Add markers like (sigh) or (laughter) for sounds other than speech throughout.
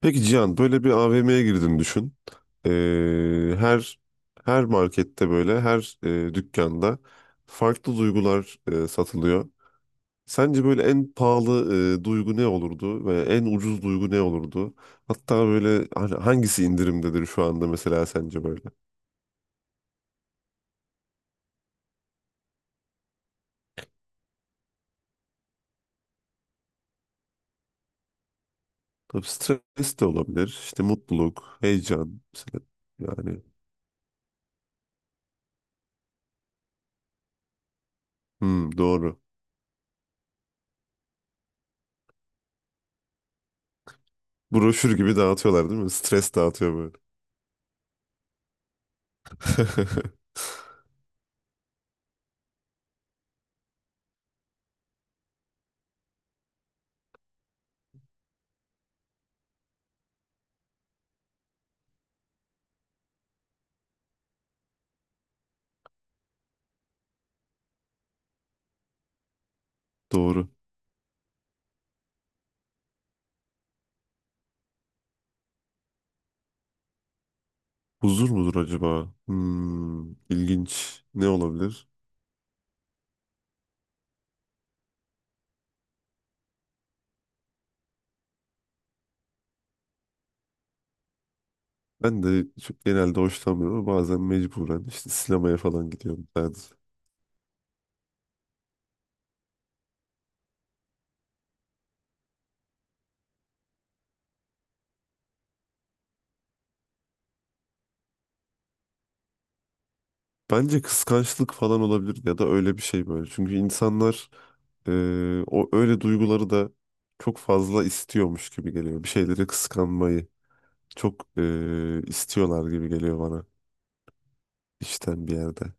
Peki Cihan böyle bir AVM'ye girdin düşün. Ee, her her markette böyle her dükkanda farklı duygular satılıyor. Sence böyle en pahalı duygu ne olurdu ve en ucuz duygu ne olurdu? Hatta böyle hani hangisi indirimdedir şu anda mesela sence böyle? Tabii stres de olabilir. İşte mutluluk, heyecan mesela yani. Hmm, doğru. Broşür gibi dağıtıyorlar değil mi? Stres dağıtıyor böyle. (laughs) Doğru. Huzur mudur acaba? Hmm, ilginç. Ne olabilir? Ben de çok genelde hoşlanmıyorum ama bazen mecburen işte sinemaya falan gidiyorum sadece. Bence kıskançlık falan olabilir ya da öyle bir şey böyle. Çünkü insanlar o öyle duyguları da çok fazla istiyormuş gibi geliyor. Bir şeyleri kıskanmayı çok istiyorlar gibi geliyor bana içten bir yerde.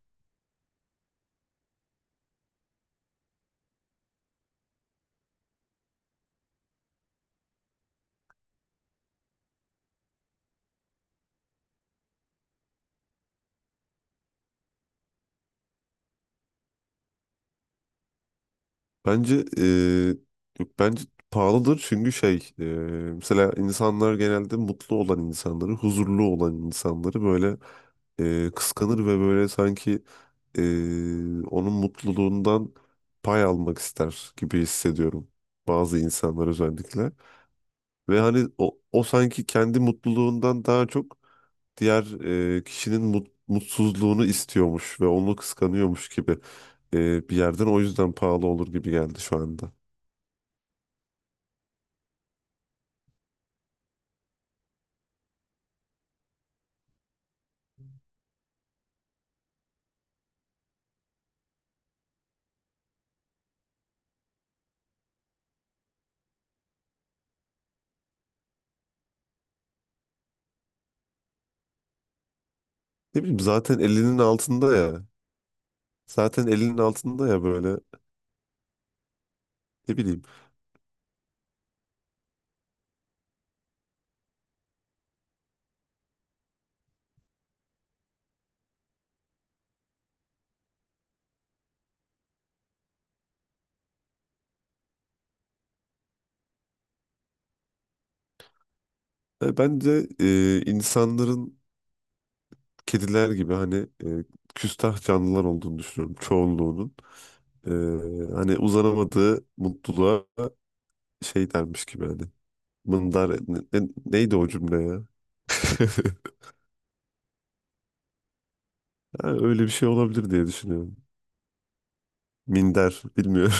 Bence yok bence pahalıdır çünkü şey mesela insanlar genelde mutlu olan insanları, huzurlu olan insanları böyle kıskanır ve böyle sanki onun mutluluğundan pay almak ister gibi hissediyorum bazı insanlar özellikle. Ve hani o sanki kendi mutluluğundan daha çok diğer kişinin mutsuzluğunu istiyormuş ve onu kıskanıyormuş gibi bir yerden o yüzden pahalı olur gibi geldi şu anda. Ne bileyim zaten elinin altında ya. Zaten elinin altında ya böyle. Ne bileyim. Yani bence insanların kediler gibi hani e, küstah canlılar olduğunu düşünüyorum çoğunluğunun. E, Hani uzanamadığı mutluluğa şey dermiş gibi hani. Mındar neydi o cümle ya? (laughs) Ha, öyle bir şey olabilir diye düşünüyorum. Minder bilmiyorum.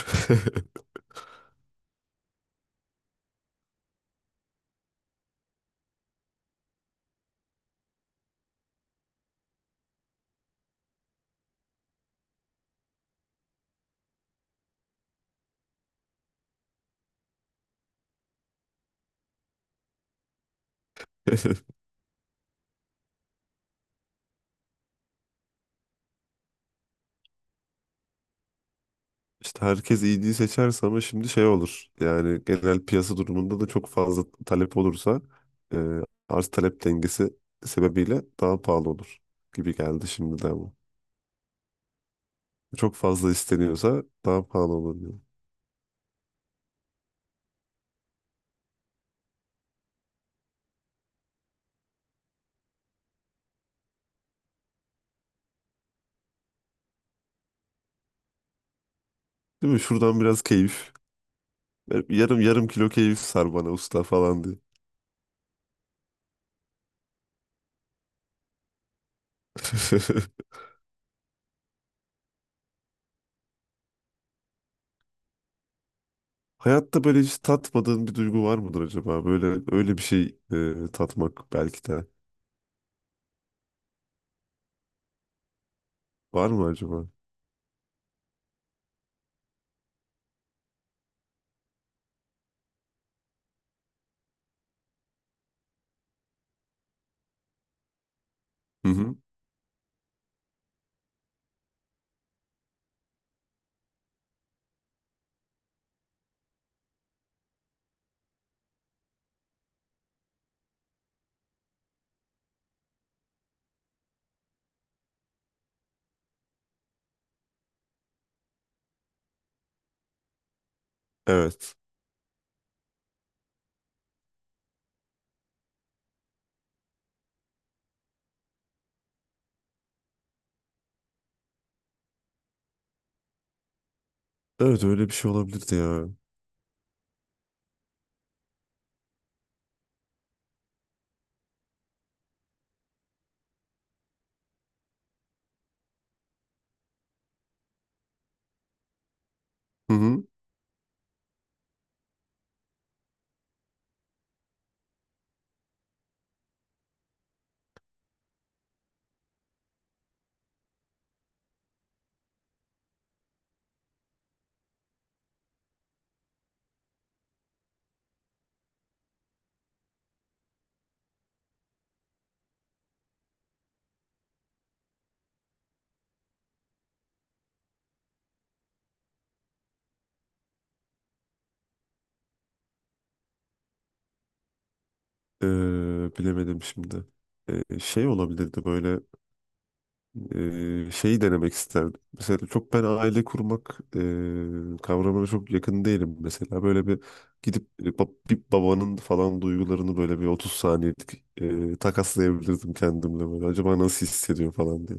(laughs) İşte herkes iyiliği seçerse ama şimdi şey olur. Yani genel piyasa durumunda da çok fazla talep olursa e, arz talep dengesi sebebiyle daha pahalı olur gibi geldi şimdiden bu. Çok fazla isteniyorsa daha pahalı olur diyor. Değil mi? Şuradan biraz keyif. Yarım kilo keyif sar bana usta falan diye. (laughs) Hayatta böyle hiç tatmadığın bir duygu var mıdır acaba? Böyle öyle bir şey tatmak belki de. Var mı acaba? Hı hı. Evet. Evet öyle bir şey olabilirdi ya. Hı hı. Bilemedim şimdi. Şey olabilirdi böyle şeyi denemek isterdim. Mesela çok ben aile kurmak kavramına çok yakın değilim mesela. Böyle bir gidip bir babanın falan duygularını böyle bir 30 saniyelik takaslayabilirdim kendimle böyle. Acaba nasıl hissediyor falan diye.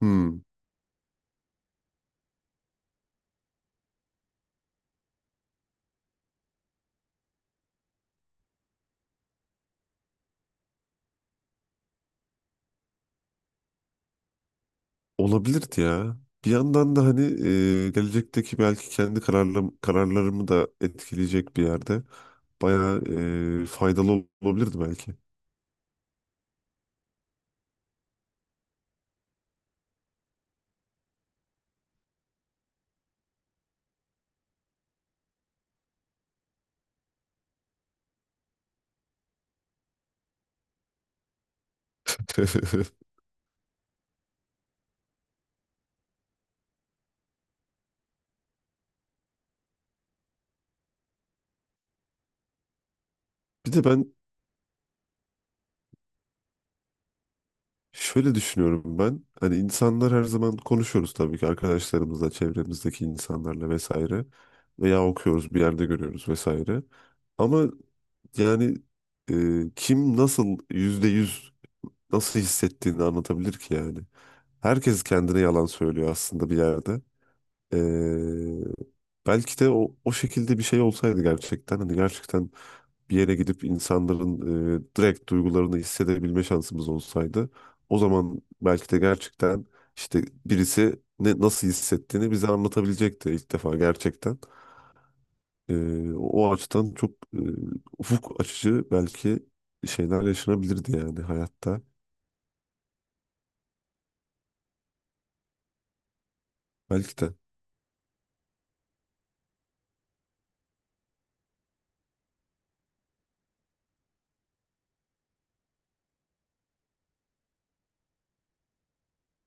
Hmm. Olabilirdi ya. Bir yandan da hani gelecekteki belki kendi kararlarımı da etkileyecek bir yerde bayağı faydalı olabilirdi belki. (laughs) Bir de ben şöyle düşünüyorum ben hani insanlar her zaman konuşuyoruz tabii ki arkadaşlarımızla, çevremizdeki insanlarla vesaire veya okuyoruz bir yerde görüyoruz vesaire. Ama yani e, kim nasıl yüzde yüz nasıl hissettiğini anlatabilir ki yani. Herkes kendine yalan söylüyor aslında bir yerde. Ee, Belki de o şekilde bir şey olsaydı gerçekten hani gerçekten bir yere gidip insanların direkt duygularını hissedebilme şansımız olsaydı o zaman belki de gerçekten işte birisi ne nasıl hissettiğini bize anlatabilecekti ilk defa gerçekten. O açıdan çok e, ufuk açıcı belki şeyler yaşanabilirdi yani hayatta belki de.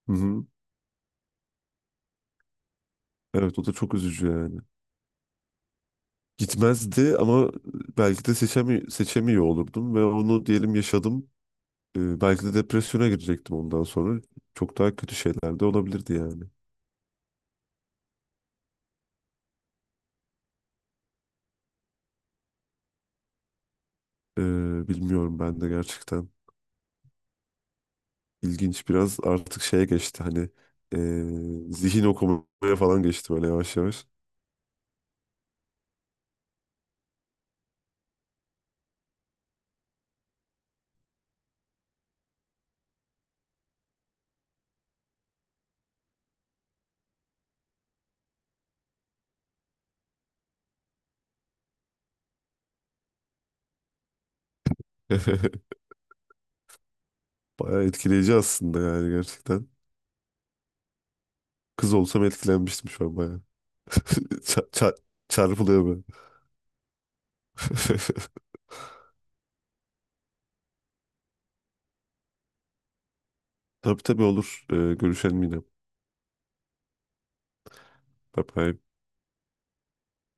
Hı hı. Evet o da çok üzücü yani. Gitmezdi ama belki de seçemiyor olurdum ve onu diyelim yaşadım. Belki de depresyona girecektim ondan sonra. Çok daha kötü şeyler de olabilirdi yani. Bilmiyorum ben de gerçekten. İlginç biraz artık şeye geçti hani zihin okumaya falan geçti böyle yavaş yavaş. (laughs) Bayağı etkileyici aslında yani gerçekten. Kız olsam etkilenmiştim şu an bayağı. (laughs) Ça- ça- Çarpılıyor böyle. (laughs) Tabii tabii olur. Görüşelim yine. Dabei